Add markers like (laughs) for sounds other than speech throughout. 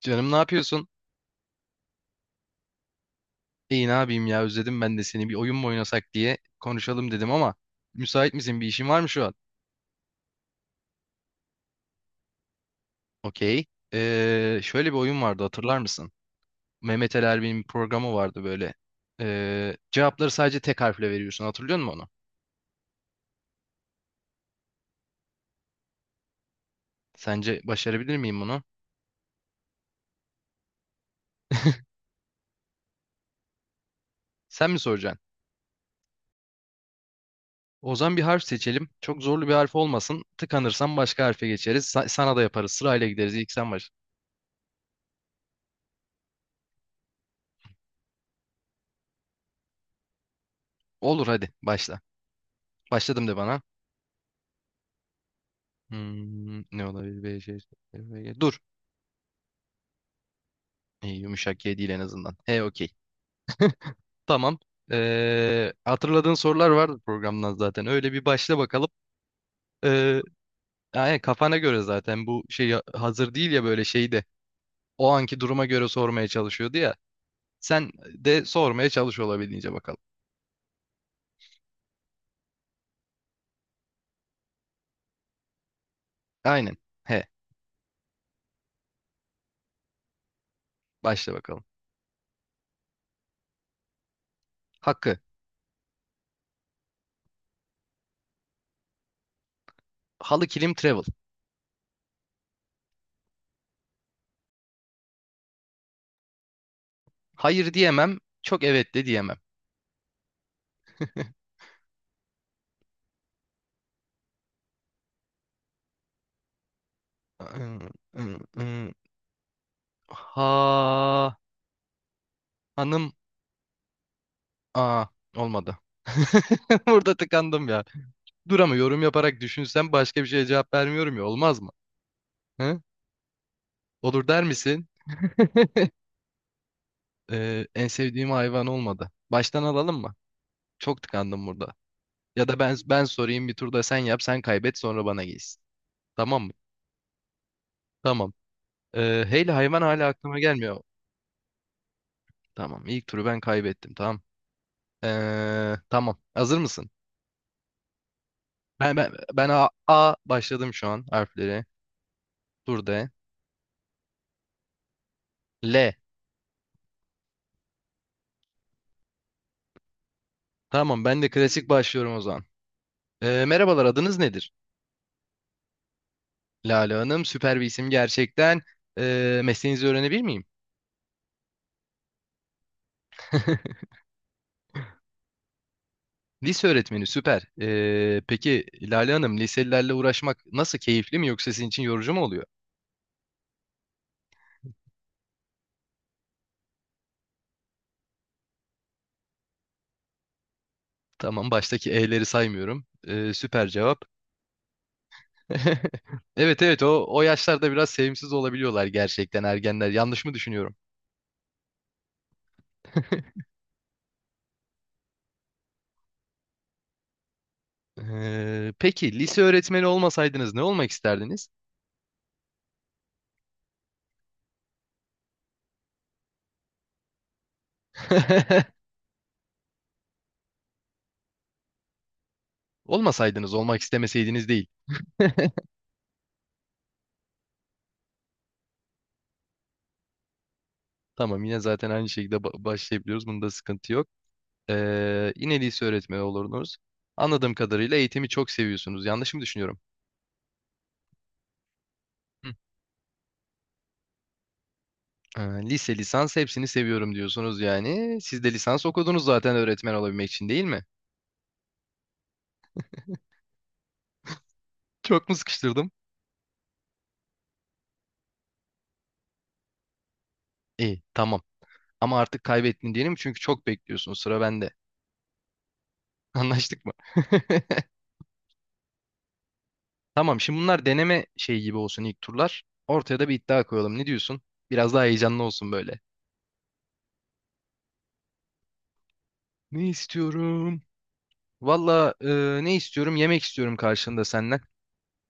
Canım ne yapıyorsun? İyi ne yapayım ya özledim ben de seni bir oyun mu oynasak diye konuşalım dedim ama müsait misin bir işin var mı şu an? Okey. Şöyle bir oyun vardı hatırlar mısın? Mehmet Ali Erbil'in bir programı vardı böyle. Cevapları sadece tek harfle veriyorsun hatırlıyor musun onu? Sence başarabilir miyim bunu? (laughs) Sen mi soracaksın? O zaman bir harf seçelim. Çok zorlu bir harf olmasın. Tıkanırsan başka harfe geçeriz. Sana da yaparız. Sırayla gideriz. İlk sen baş. Olur hadi başla. Başladım de bana. Ne olabilir? B, C, F, G. Dur. İyi, yumuşak G değil en azından. He okey. Tamam. Hatırladığın sorular vardı programdan zaten. Öyle bir başla bakalım. Ee, Yani kafana göre zaten bu şey hazır değil ya böyle şeyi de. O anki duruma göre sormaya çalışıyordu ya. Sen de sormaya çalış olabildiğince bakalım. Aynen. He. Başla bakalım. Hakkı. Halı kilim travel. Hayır diyemem. Çok evet de diyemem. (laughs) Ha, hanım. Aa, olmadı. (laughs) Burada tıkandım ya. Dur ama yorum yaparak düşünsem başka bir şeye cevap vermiyorum ya olmaz mı? Hı? Olur der misin? En sevdiğim hayvan olmadı. Baştan alalım mı? Çok tıkandım burada. Ya da ben sorayım bir turda sen yap sen kaybet sonra bana gelsin. Tamam mı? Tamam. Heyli hayvan hala aklıma gelmiyor. Tamam ilk turu ben kaybettim tamam. Tamam hazır mısın? Ben A başladım şu an harfleri. Dur de. L. Tamam ben de klasik başlıyorum o zaman. Merhabalar, adınız nedir? Lale Hanım, süper bir isim gerçekten. Mesleğinizi öğrenebilir miyim? (laughs) Lise öğretmeni, süper. Peki Lale Hanım, liselilerle uğraşmak nasıl, keyifli mi yoksa sizin için yorucu mu oluyor? Tamam, baştaki E'leri saymıyorum. Süper cevap. (laughs) Evet evet, o yaşlarda biraz sevimsiz olabiliyorlar gerçekten ergenler. Yanlış mı düşünüyorum? (laughs) Peki lise öğretmeni olmasaydınız ne olmak isterdiniz? (laughs) Olmasaydınız, olmak istemeseydiniz değil. Tamam yine zaten aynı şekilde başlayabiliyoruz. Bunda sıkıntı yok. Yine lise öğretmeni olurdunuz. Anladığım kadarıyla eğitimi çok seviyorsunuz. Yanlış mı düşünüyorum? Hı. Ee, Lise, lisans hepsini seviyorum diyorsunuz yani. Siz de lisans okudunuz zaten öğretmen olabilmek için değil mi? Çok mu sıkıştırdım? İyi tamam. Ama artık kaybettin diyelim çünkü çok bekliyorsun. Sıra bende. (laughs) Anlaştık mı? (laughs) Tamam şimdi bunlar deneme şey gibi olsun ilk turlar. Ortaya da bir iddia koyalım. Ne diyorsun? Biraz daha heyecanlı olsun böyle. Ne istiyorum? Valla ne istiyorum? Yemek istiyorum karşılığında senden.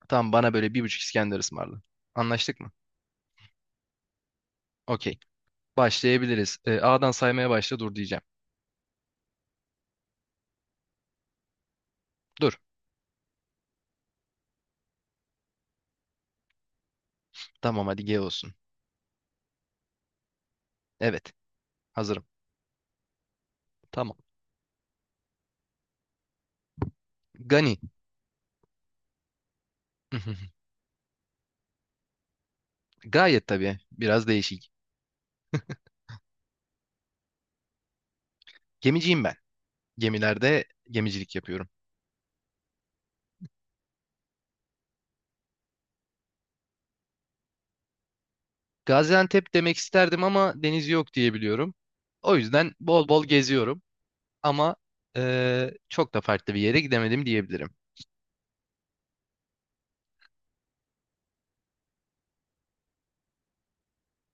Tamam bana böyle bir buçuk İskender ısmarla. Anlaştık mı? Okey. Başlayabiliriz. A'dan saymaya başla dur diyeceğim. Dur. Tamam hadi G olsun. Evet. Hazırım. Tamam. Gani. (laughs) Gayet tabii. Biraz değişik. Gemiciyim ben. Gemilerde gemicilik yapıyorum. Gaziantep demek isterdim ama deniz yok diye biliyorum. O yüzden bol bol geziyorum. Ama çok da farklı bir yere gidemedim diyebilirim.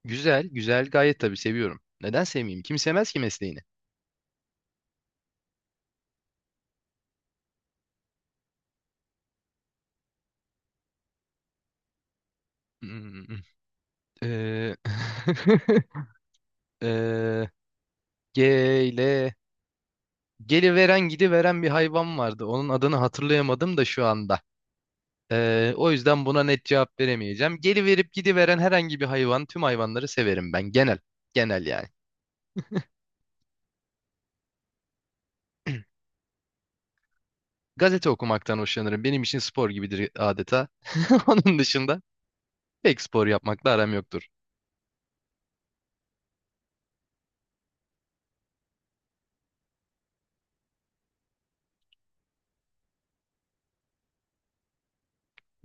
Güzel, güzel gayet tabii seviyorum. Neden sevmeyeyim? Kim sevmez ki mesleğini? Hmm, eee, (laughs) eee, gele, geliveren gidiveren bir hayvan vardı. Onun adını hatırlayamadım da şu anda. O yüzden buna net cevap veremeyeceğim. Geliverip gidiveren herhangi bir hayvan, tüm hayvanları severim ben. Genel, genel yani. Gazete okumaktan hoşlanırım. Benim için spor gibidir adeta. (laughs) Onun dışında pek spor yapmakla aram yoktur.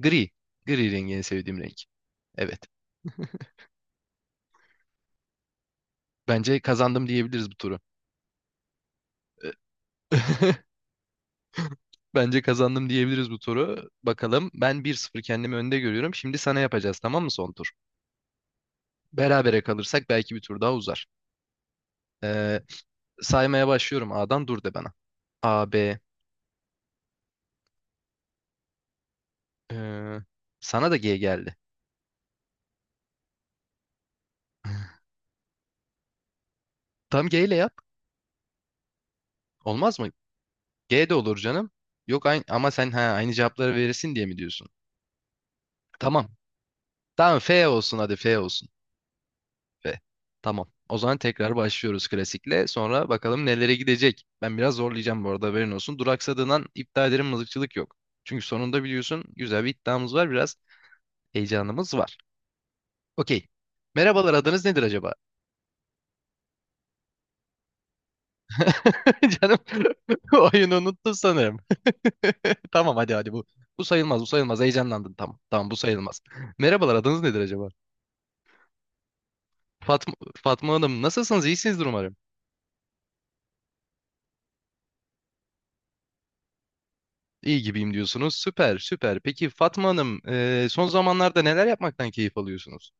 Gri, gri rengi en sevdiğim renk. Evet. Bence kazandım diyebiliriz bu turu. Bence kazandım diyebiliriz bu turu. Bakalım ben 1-0 kendimi önde görüyorum. Şimdi sana yapacağız tamam mı son tur? Berabere kalırsak belki bir tur daha uzar. Ee, Saymaya başlıyorum A'dan dur de bana. A, B. ee, Sana da G geldi. Tam G ile yap. Olmaz mı? G de olur canım. Yok aynı, ama sen aynı cevapları verirsin diye mi diyorsun? Tamam. Tamam F olsun hadi F olsun. Ve tamam. O zaman tekrar başlıyoruz klasikle. Sonra bakalım nelere gidecek. Ben biraz zorlayacağım bu arada haberin olsun. Duraksadığından iptal ederim mızıkçılık yok. Çünkü sonunda biliyorsun güzel bir iddiamız var. Biraz heyecanımız var. Okey. Merhabalar adınız nedir acaba? (laughs) Canım (laughs) oyunu unuttum sanırım. (laughs) Tamam hadi hadi bu. Bu sayılmaz bu sayılmaz. Heyecanlandın tamam. Tamam bu sayılmaz. Merhabalar adınız nedir acaba? Fatma, Fatma Hanım nasılsınız? İyisinizdir umarım. İyi gibiyim diyorsunuz. Süper, süper. Peki Fatma Hanım, son zamanlarda neler yapmaktan keyif alıyorsunuz?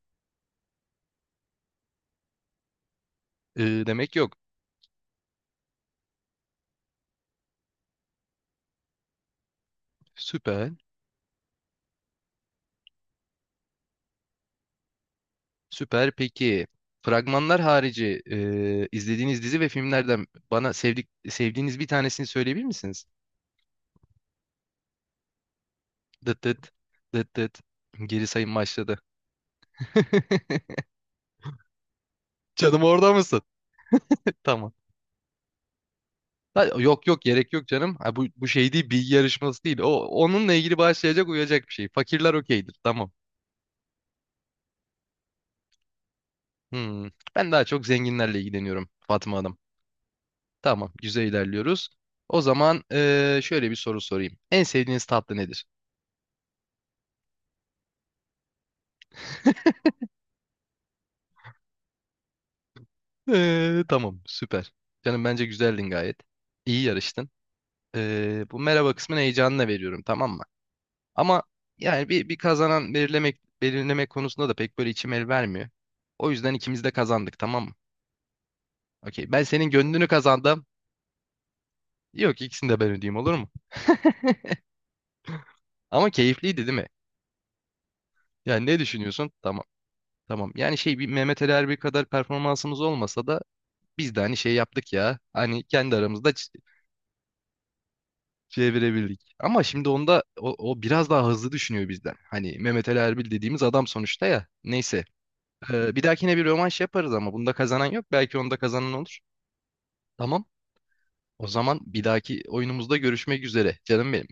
E, demek yok. Süper, süper. Peki fragmanlar harici izlediğiniz dizi ve filmlerden bana sevdiğiniz bir tanesini söyleyebilir misiniz? Dıt dıt, dıt dıt. Geri sayım başladı. (laughs) Canım orada mısın? Tamam. Ha, yok yok gerek yok canım. Ha, bu şey değil bilgi yarışması değil. Onunla ilgili başlayacak uyacak bir şey. Fakirler okeydir. Tamam. Hmm. Ben daha çok zenginlerle ilgileniyorum Fatma Hanım. Tamam, güzel ilerliyoruz. O zaman şöyle bir soru sorayım. En sevdiğiniz tatlı nedir? Tamam, süper. Canım bence güzeldin gayet. İyi yarıştın. Bu merhaba kısmını heyecanına veriyorum, tamam mı? Ama yani bir kazanan belirlemek konusunda da pek böyle içim el vermiyor. O yüzden ikimiz de kazandık, tamam mı? Okey, ben senin gönlünü kazandım. Yok, ikisini de ben ödeyeyim olur mu? Ama keyifliydi değil mi? Yani ne düşünüyorsun? Tamam. Tamam. Yani şey bir Mehmet Ali Erbil kadar performansımız olmasa da biz de hani şey yaptık ya. Hani kendi aramızda çevirebildik. Ama şimdi onda o biraz daha hızlı düşünüyor bizden. Hani Mehmet Ali Erbil dediğimiz adam sonuçta ya. Neyse. Bir dahakine bir rövanş yaparız ama bunda kazanan yok. Belki onda kazanan olur. Tamam. O zaman bir dahaki oyunumuzda görüşmek üzere. Canım benim.